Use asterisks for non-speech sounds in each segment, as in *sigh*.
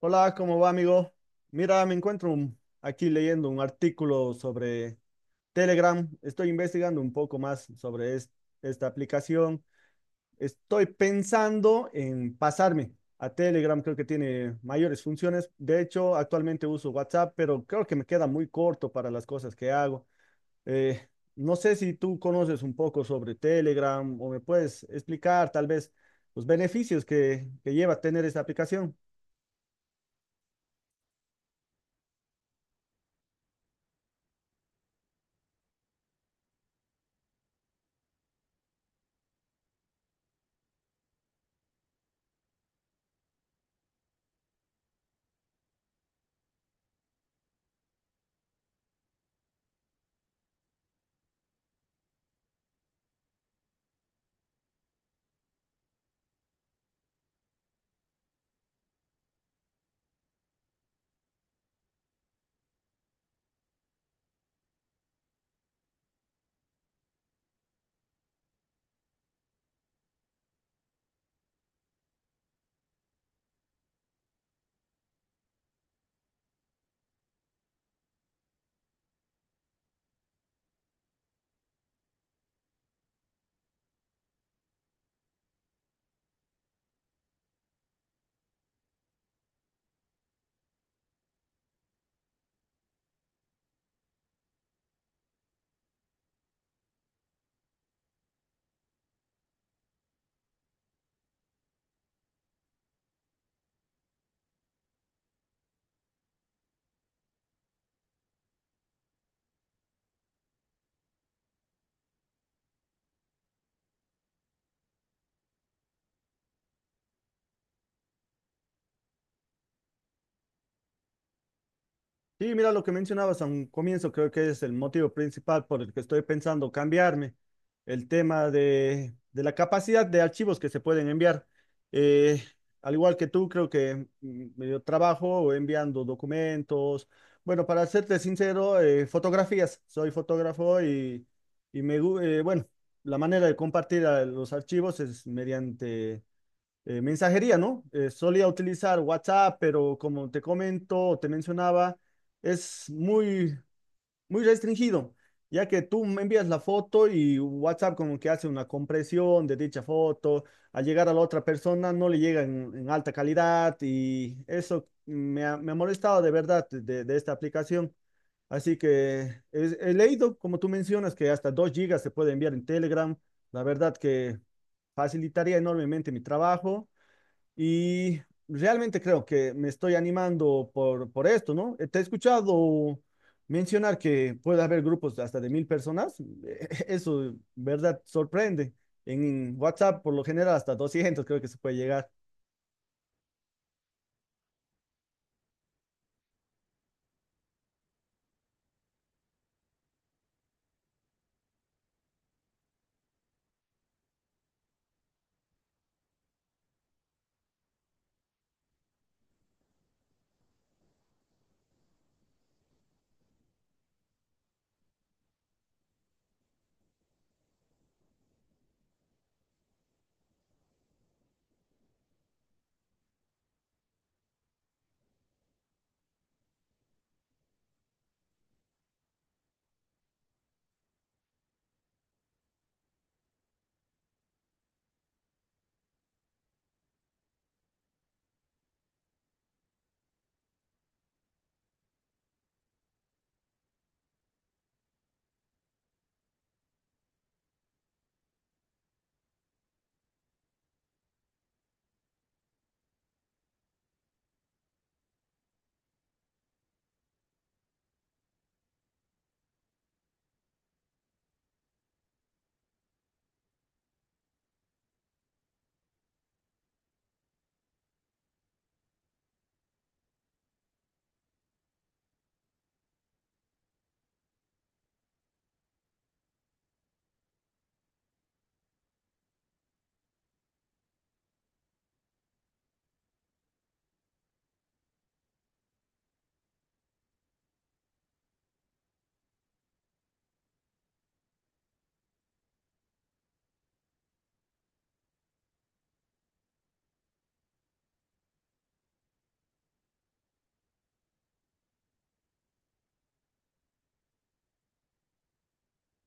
Hola, ¿cómo va, amigo? Mira, aquí leyendo un artículo sobre Telegram. Estoy investigando un poco más sobre esta aplicación. Estoy pensando en pasarme a Telegram. Creo que tiene mayores funciones. De hecho, actualmente uso WhatsApp, pero creo que me queda muy corto para las cosas que hago. Eh, no sé si tú conoces un poco sobre Telegram o me puedes explicar tal vez los beneficios que lleva tener esta aplicación. Sí, mira lo que mencionabas a un comienzo, creo que es el motivo principal por el que estoy pensando cambiarme, el tema de la capacidad de archivos que se pueden enviar. Eh, Al igual que tú, creo que yo trabajo enviando documentos. Bueno, para serte sincero, fotografías. Soy fotógrafo y, bueno, la manera de compartir los archivos es mediante mensajería, ¿no? Solía utilizar WhatsApp, pero como te comento, te mencionaba, es muy restringido, ya que tú me envías la foto y WhatsApp como que hace una compresión de dicha foto, al llegar a la otra persona no le llega en alta calidad y eso me ha molestado de verdad de esta aplicación. Así que he leído, como tú mencionas, que hasta 2 gigas se puede enviar en Telegram. La verdad que facilitaría enormemente mi trabajo y realmente creo que me estoy animando por esto, ¿no? Te he escuchado mencionar que puede haber grupos hasta de 1000 personas. *laughs* Eso, verdad, sorprende. En WhatsApp, por lo general, hasta 200 creo que se puede llegar.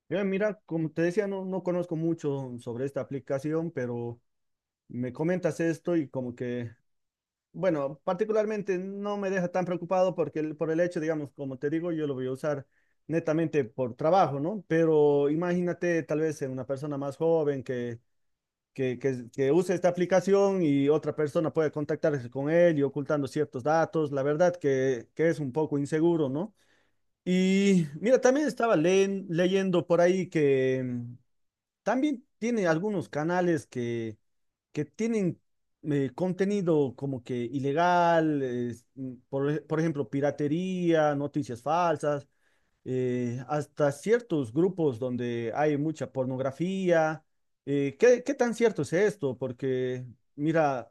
Mira, como te decía, no conozco mucho sobre esta aplicación, pero me comentas esto y como que bueno, particularmente no me deja tan preocupado porque por el hecho, digamos, como te digo, yo lo voy a usar netamente por trabajo, ¿no? Pero imagínate tal vez en una persona más joven que, que use esta aplicación y otra persona puede contactarse con él y ocultando ciertos datos, la verdad que es un poco inseguro, ¿no? Y mira, también estaba leyendo por ahí que también tiene algunos canales que tienen contenido como que ilegal, es, por, por ejemplo, piratería, noticias falsas, hasta ciertos grupos donde hay mucha pornografía. ¿ Qué tan cierto es esto? Porque, mira,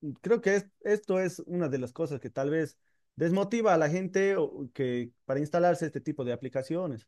creo que esto es una de las cosas que tal vez desmotiva a la gente que, para instalarse este tipo de aplicaciones.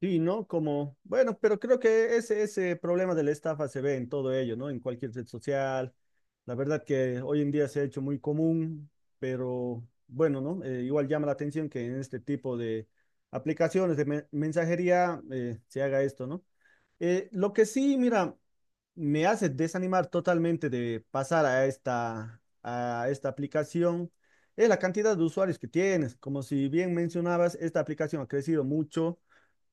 Sí, ¿no? Como, bueno, pero creo que ese problema de la estafa se ve en todo ello, ¿no? En cualquier red social. La verdad que hoy en día se ha hecho muy común, pero bueno, ¿no? Igual llama la atención que en este tipo de aplicaciones de mensajería se haga esto, ¿no? Lo que sí, mira, me hace desanimar totalmente de pasar a a esta aplicación es la cantidad de usuarios que tienes. Como si bien mencionabas, esta aplicación ha crecido mucho,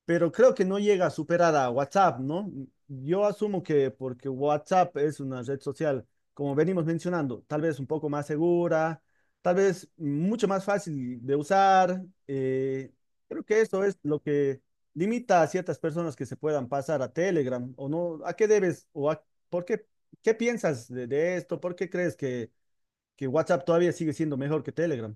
pero creo que no llega a superar a WhatsApp, ¿no? Yo asumo que porque WhatsApp es una red social, como venimos mencionando, tal vez un poco más segura, tal vez mucho más fácil de usar. Creo que eso es lo que limita a ciertas personas que se puedan pasar a Telegram o no. ¿A qué debes o a, qué piensas de esto? ¿Por qué crees que WhatsApp todavía sigue siendo mejor que Telegram?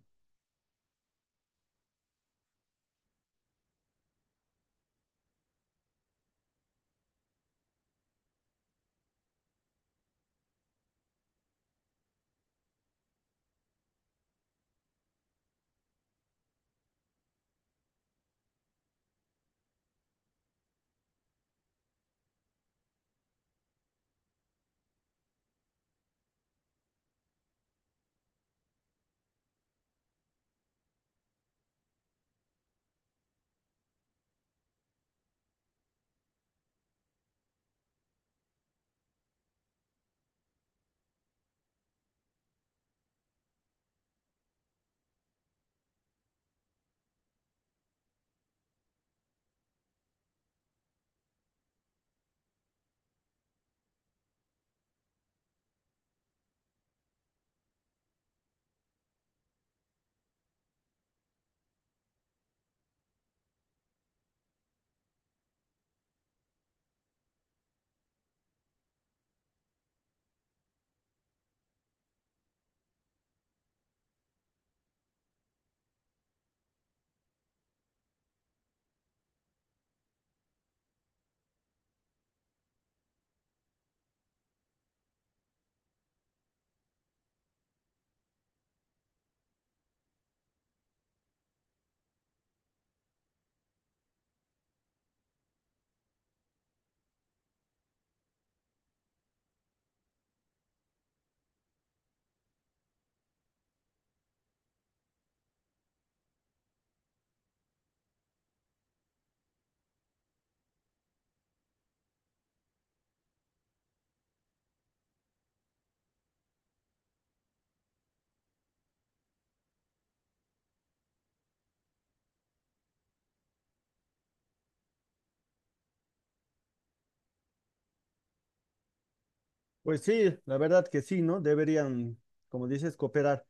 Pues sí, la verdad que sí, ¿no? Deberían, como dices, cooperar.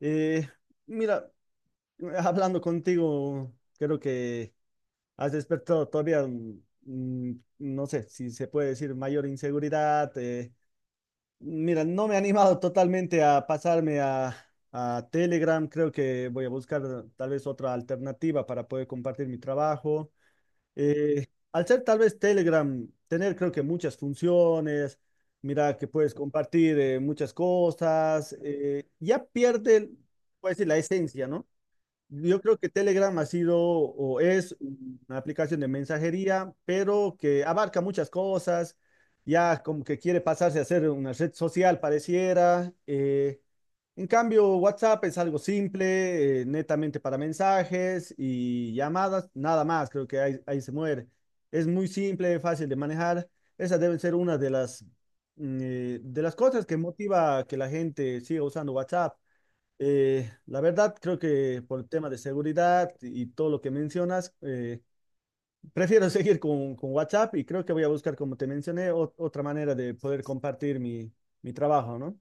Eh, Mira, *laughs* hablando contigo, creo que has despertado todavía, mm, no sé si se puede decir mayor inseguridad. Mira, no me he animado totalmente a pasarme a Telegram. Creo que voy a buscar tal vez otra alternativa para poder compartir mi trabajo. Eh, Al ser tal vez Telegram, tener creo que muchas funciones, mira que puedes compartir muchas cosas, ya pierde, puede decir, la esencia, ¿no? Yo creo que Telegram ha sido o es una aplicación de mensajería, pero que abarca muchas cosas. Ya como que quiere pasarse a ser una red social, pareciera. En cambio, WhatsApp es algo simple, netamente para mensajes y llamadas, nada más. Creo que ahí se muere. Es muy simple, fácil de manejar. Esa debe ser una de las, de las cosas que motiva a que la gente siga usando WhatsApp. La verdad, creo que por el tema de seguridad y todo lo que mencionas, *laughs* prefiero seguir con WhatsApp y creo que voy a buscar, como te mencioné, otra manera de poder compartir mi, mi trabajo, ¿no?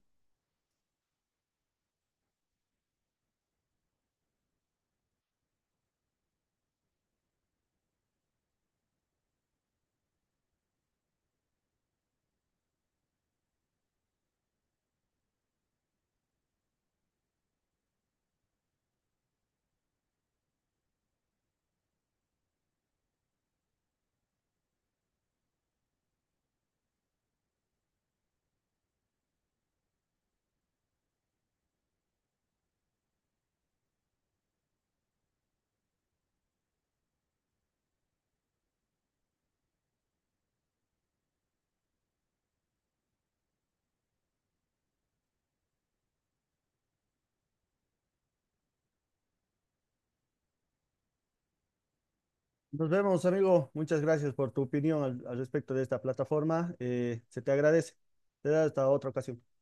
Nos vemos, amigo. Muchas gracias por tu opinión al, al respecto de esta plataforma. Se te agradece. Te da hasta otra ocasión.